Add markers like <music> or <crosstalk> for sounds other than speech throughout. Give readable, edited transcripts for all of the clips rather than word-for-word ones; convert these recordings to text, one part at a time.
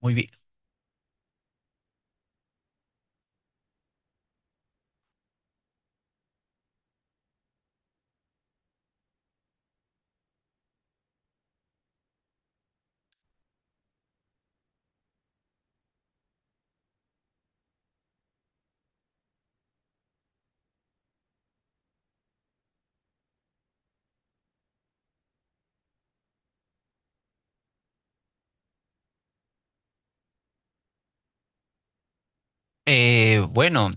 Muy bien. Eh, bueno,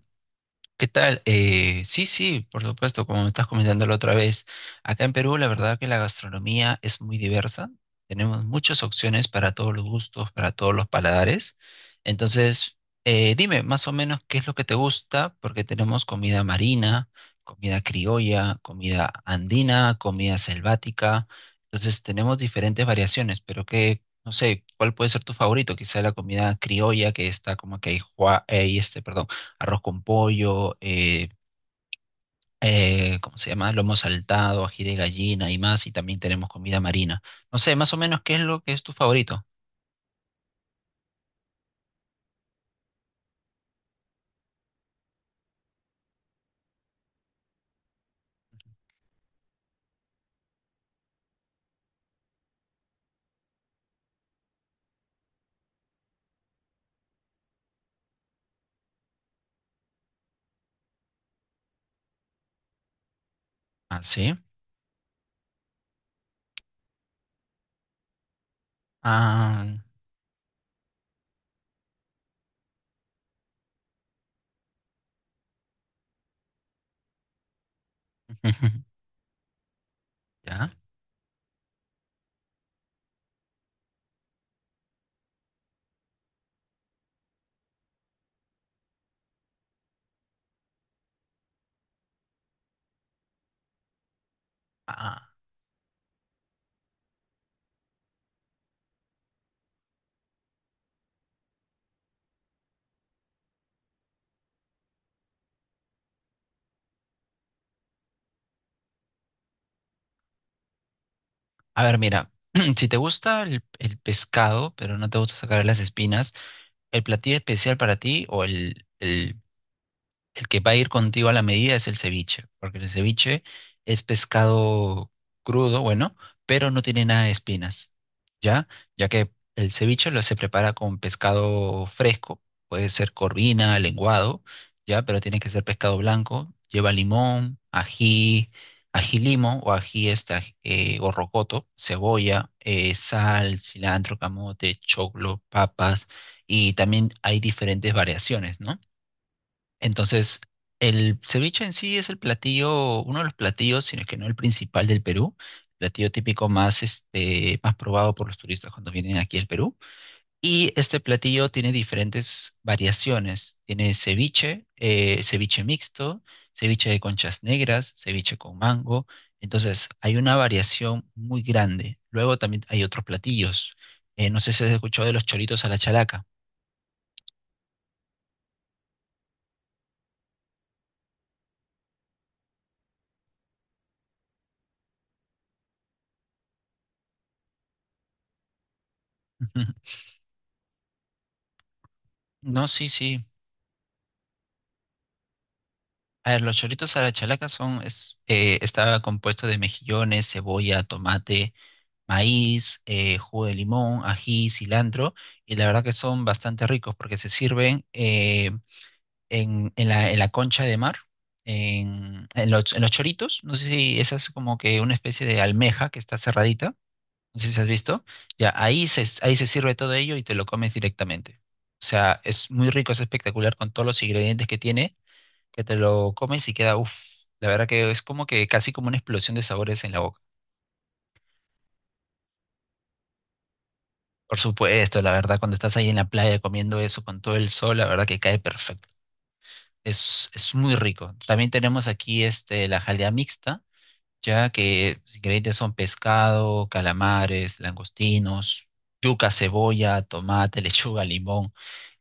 ¿Qué tal? Sí, sí, por supuesto, como me estás comentando la otra vez, acá en Perú la verdad que la gastronomía es muy diversa, tenemos muchas opciones para todos los gustos, para todos los paladares, entonces dime más o menos qué es lo que te gusta, porque tenemos comida marina, comida criolla, comida andina, comida selvática, entonces tenemos diferentes variaciones, pero que, no sé, ¿cuál puede ser tu favorito? Quizá la comida criolla que está como que ahí, ahí, este, perdón, arroz con pollo, ¿cómo se llama? Lomo saltado, ají de gallina y más, y también tenemos comida marina. No sé, más o menos, ¿qué es lo que es tu favorito? Ah, sí. Ah, <laughs> ya. Ah, a ver, mira, <clears throat> si te gusta el pescado, pero no te gusta sacar las espinas, el platillo especial para ti o el que va a ir contigo a la medida es el ceviche, porque el ceviche es pescado crudo, bueno, pero no tiene nada de espinas, ¿ya? Ya que el ceviche lo se prepara con pescado fresco, puede ser corvina, lenguado, ¿ya? Pero tiene que ser pescado blanco, lleva limón, ají, ají limo o ají esta, o rocoto, cebolla, sal, cilantro, camote, choclo, papas, y también hay diferentes variaciones, ¿no? Entonces, el ceviche en sí es el platillo, uno de los platillos, sino que no el principal del Perú, platillo típico más, este, más probado por los turistas cuando vienen aquí al Perú. Y este platillo tiene diferentes variaciones. Tiene ceviche, ceviche mixto, ceviche de conchas negras, ceviche con mango. Entonces, hay una variación muy grande. Luego también hay otros platillos. No sé si has escuchado de los choritos a la chalaca. <laughs> Ujú. No, sí, sí. A ver, los choritos a la chalaca son, es, está compuesto de mejillones, cebolla, tomate, maíz, jugo de limón, ají, cilantro, y la verdad que son bastante ricos porque se sirven en, en la concha de mar, en, en los choritos, no sé si esa es como que una especie de almeja que está cerradita, no sé si has visto, ya ahí se sirve todo ello y te lo comes directamente. O sea, es muy rico, es espectacular con todos los ingredientes que tiene, que te lo comes y queda, uff, la verdad que es como que casi como una explosión de sabores en la boca. Por supuesto, la verdad, cuando estás ahí en la playa comiendo eso con todo el sol, la verdad que cae perfecto. Es muy rico. También tenemos aquí este, la jalea mixta, ya que los ingredientes son pescado, calamares, langostinos, yuca, cebolla, tomate, <laughs> lechuga, limón.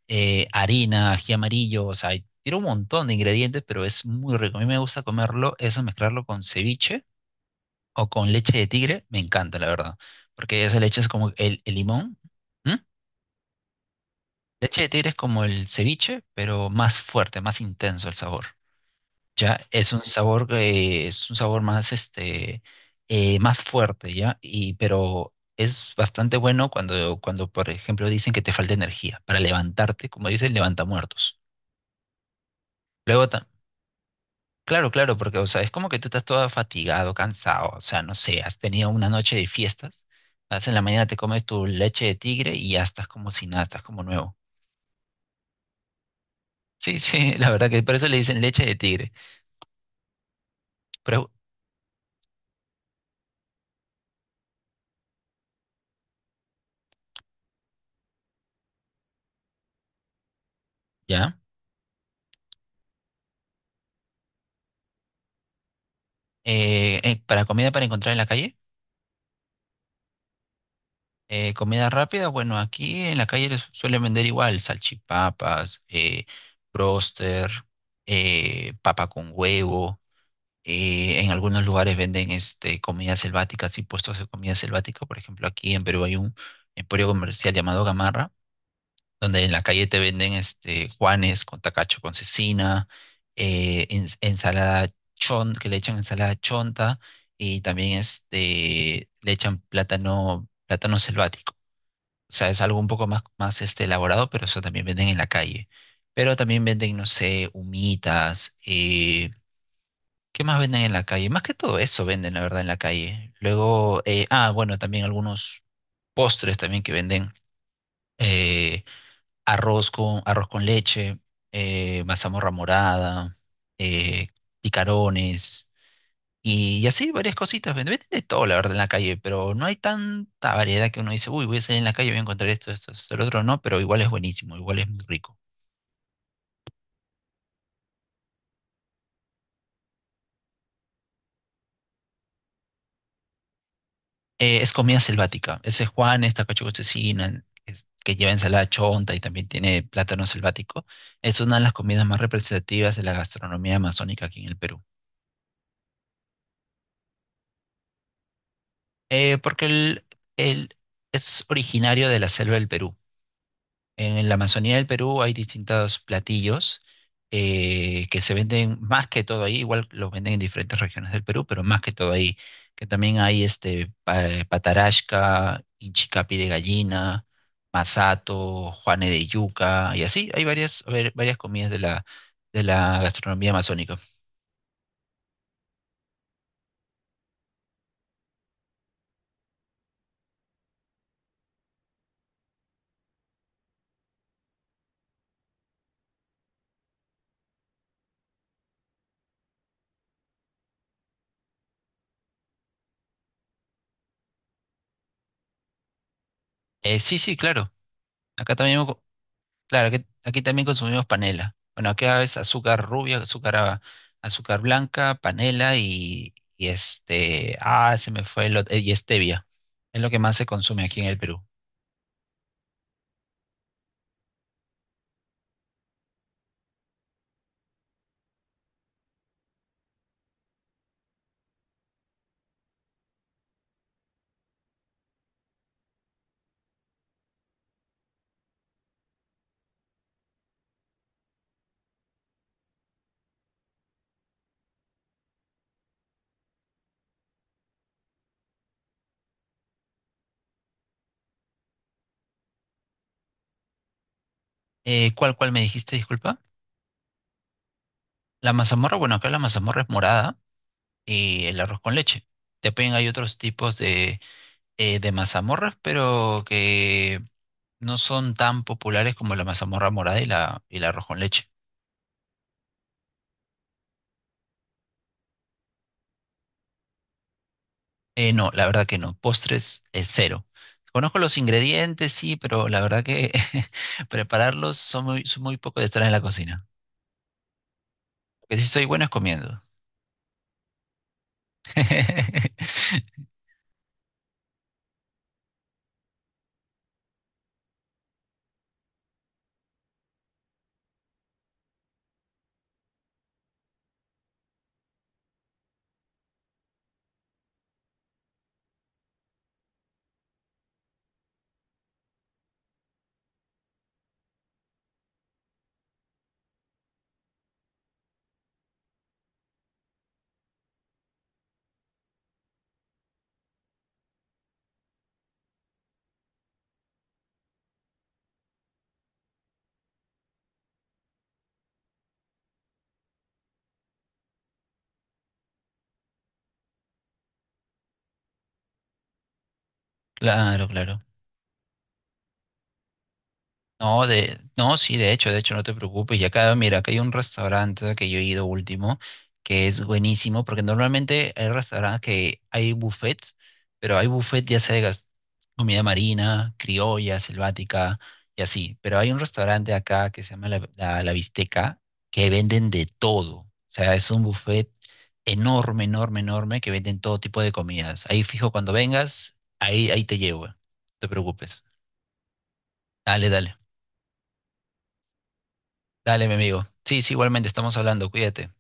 Harina, ají amarillo, o sea, tiene un montón de ingredientes, pero es muy rico. A mí me gusta comerlo, eso mezclarlo con ceviche o con leche de tigre, me encanta, la verdad, porque esa leche es como el limón. ¿Mm? Leche de tigre es como el ceviche, pero más fuerte, más intenso el sabor. Ya es un sabor que es un sabor más este más fuerte, ¿ya? Y pero es bastante bueno cuando por ejemplo dicen que te falta energía para levantarte, como dicen, levanta muertos. Luego ta- Claro, claro, porque, o sea, es como que tú estás todo fatigado, cansado, o sea, no sé, has tenido una noche de fiestas, vas en la mañana te comes tu leche de tigre y ya estás como si nada, estás como nuevo. Sí, sí, <laughs> la verdad que por eso le dicen leche de tigre. Pero, ¿ya? Para comida para encontrar en la calle, comida rápida, bueno, aquí en la calle les suelen vender igual salchipapas, bróster, papa con huevo. En algunos lugares venden este, comida selvática, sí, puestos de comida selvática. Por ejemplo, aquí en Perú hay un emporio comercial llamado Gamarra, donde en la calle te venden este, juanes con tacacho con cecina, ensalada chon, que le echan ensalada chonta y también este, le echan plátano, plátano selvático. O sea, es algo un poco más, más este, elaborado, pero eso también venden en la calle. Pero también venden, no sé, humitas, ¿qué más venden en la calle? Más que todo eso venden, la verdad, en la calle. Luego, ah, bueno, también algunos postres también que venden. eh, arroz con leche, mazamorra morada, eh, picarones y así varias cositas. Venden, venden de todo, la verdad, en la calle, pero no hay tanta variedad que uno dice, uy, voy a salir en la calle, voy a encontrar esto, esto, esto, el otro no, pero igual es buenísimo, igual es muy rico. Es comida selvática. Ese es Juan, esta cocina que, que lleva ensalada chonta y también tiene plátano selvático. Es una de las comidas más representativas de la gastronomía amazónica aquí en el Perú. Porque el- es originario de la selva del Perú. En la Amazonía del Perú hay distintos platillos que se venden más que todo ahí, igual los venden en diferentes regiones del Perú, pero más que todo ahí, que también hay este patarasca, inchicapi de gallina, masato, juane de yuca, y así hay varias, varias comidas de la gastronomía amazónica. Sí, sí, claro. Acá también. Claro, aquí, aquí también consumimos panela. Bueno, aquí es azúcar rubia, azúcar blanca, panela y este, ah, se me fue el, y stevia. Es lo que más se consume aquí en el Perú. Cuál me dijiste, disculpa? La mazamorra, bueno, acá la mazamorra es morada y el arroz con leche. También hay otros tipos de mazamorras, pero que no son tan populares como la mazamorra morada y la, y el arroz con leche. No, la verdad que no. Postres, cero. Conozco los ingredientes, sí, pero la verdad que <laughs> prepararlos son muy poco de estar en la cocina. Lo que sí soy bueno es comiendo. <laughs> Claro, claro. No, de, no, sí, de hecho, no te preocupes. Y acá, mira, acá hay un restaurante que yo he ido último, que es buenísimo, porque normalmente hay restaurantes que hay buffets, pero hay buffet ya sea de comida marina, criolla, selvática y así. Pero hay un restaurante acá que se llama La Bisteca, que venden de todo. O sea, es un buffet enorme, enorme, enorme, que venden todo tipo de comidas. Ahí fijo, cuando vengas, ahí, ahí te llevo. No te preocupes. Dale, dale. Dale, mi amigo. Sí, sí, igualmente estamos hablando. Cuídate.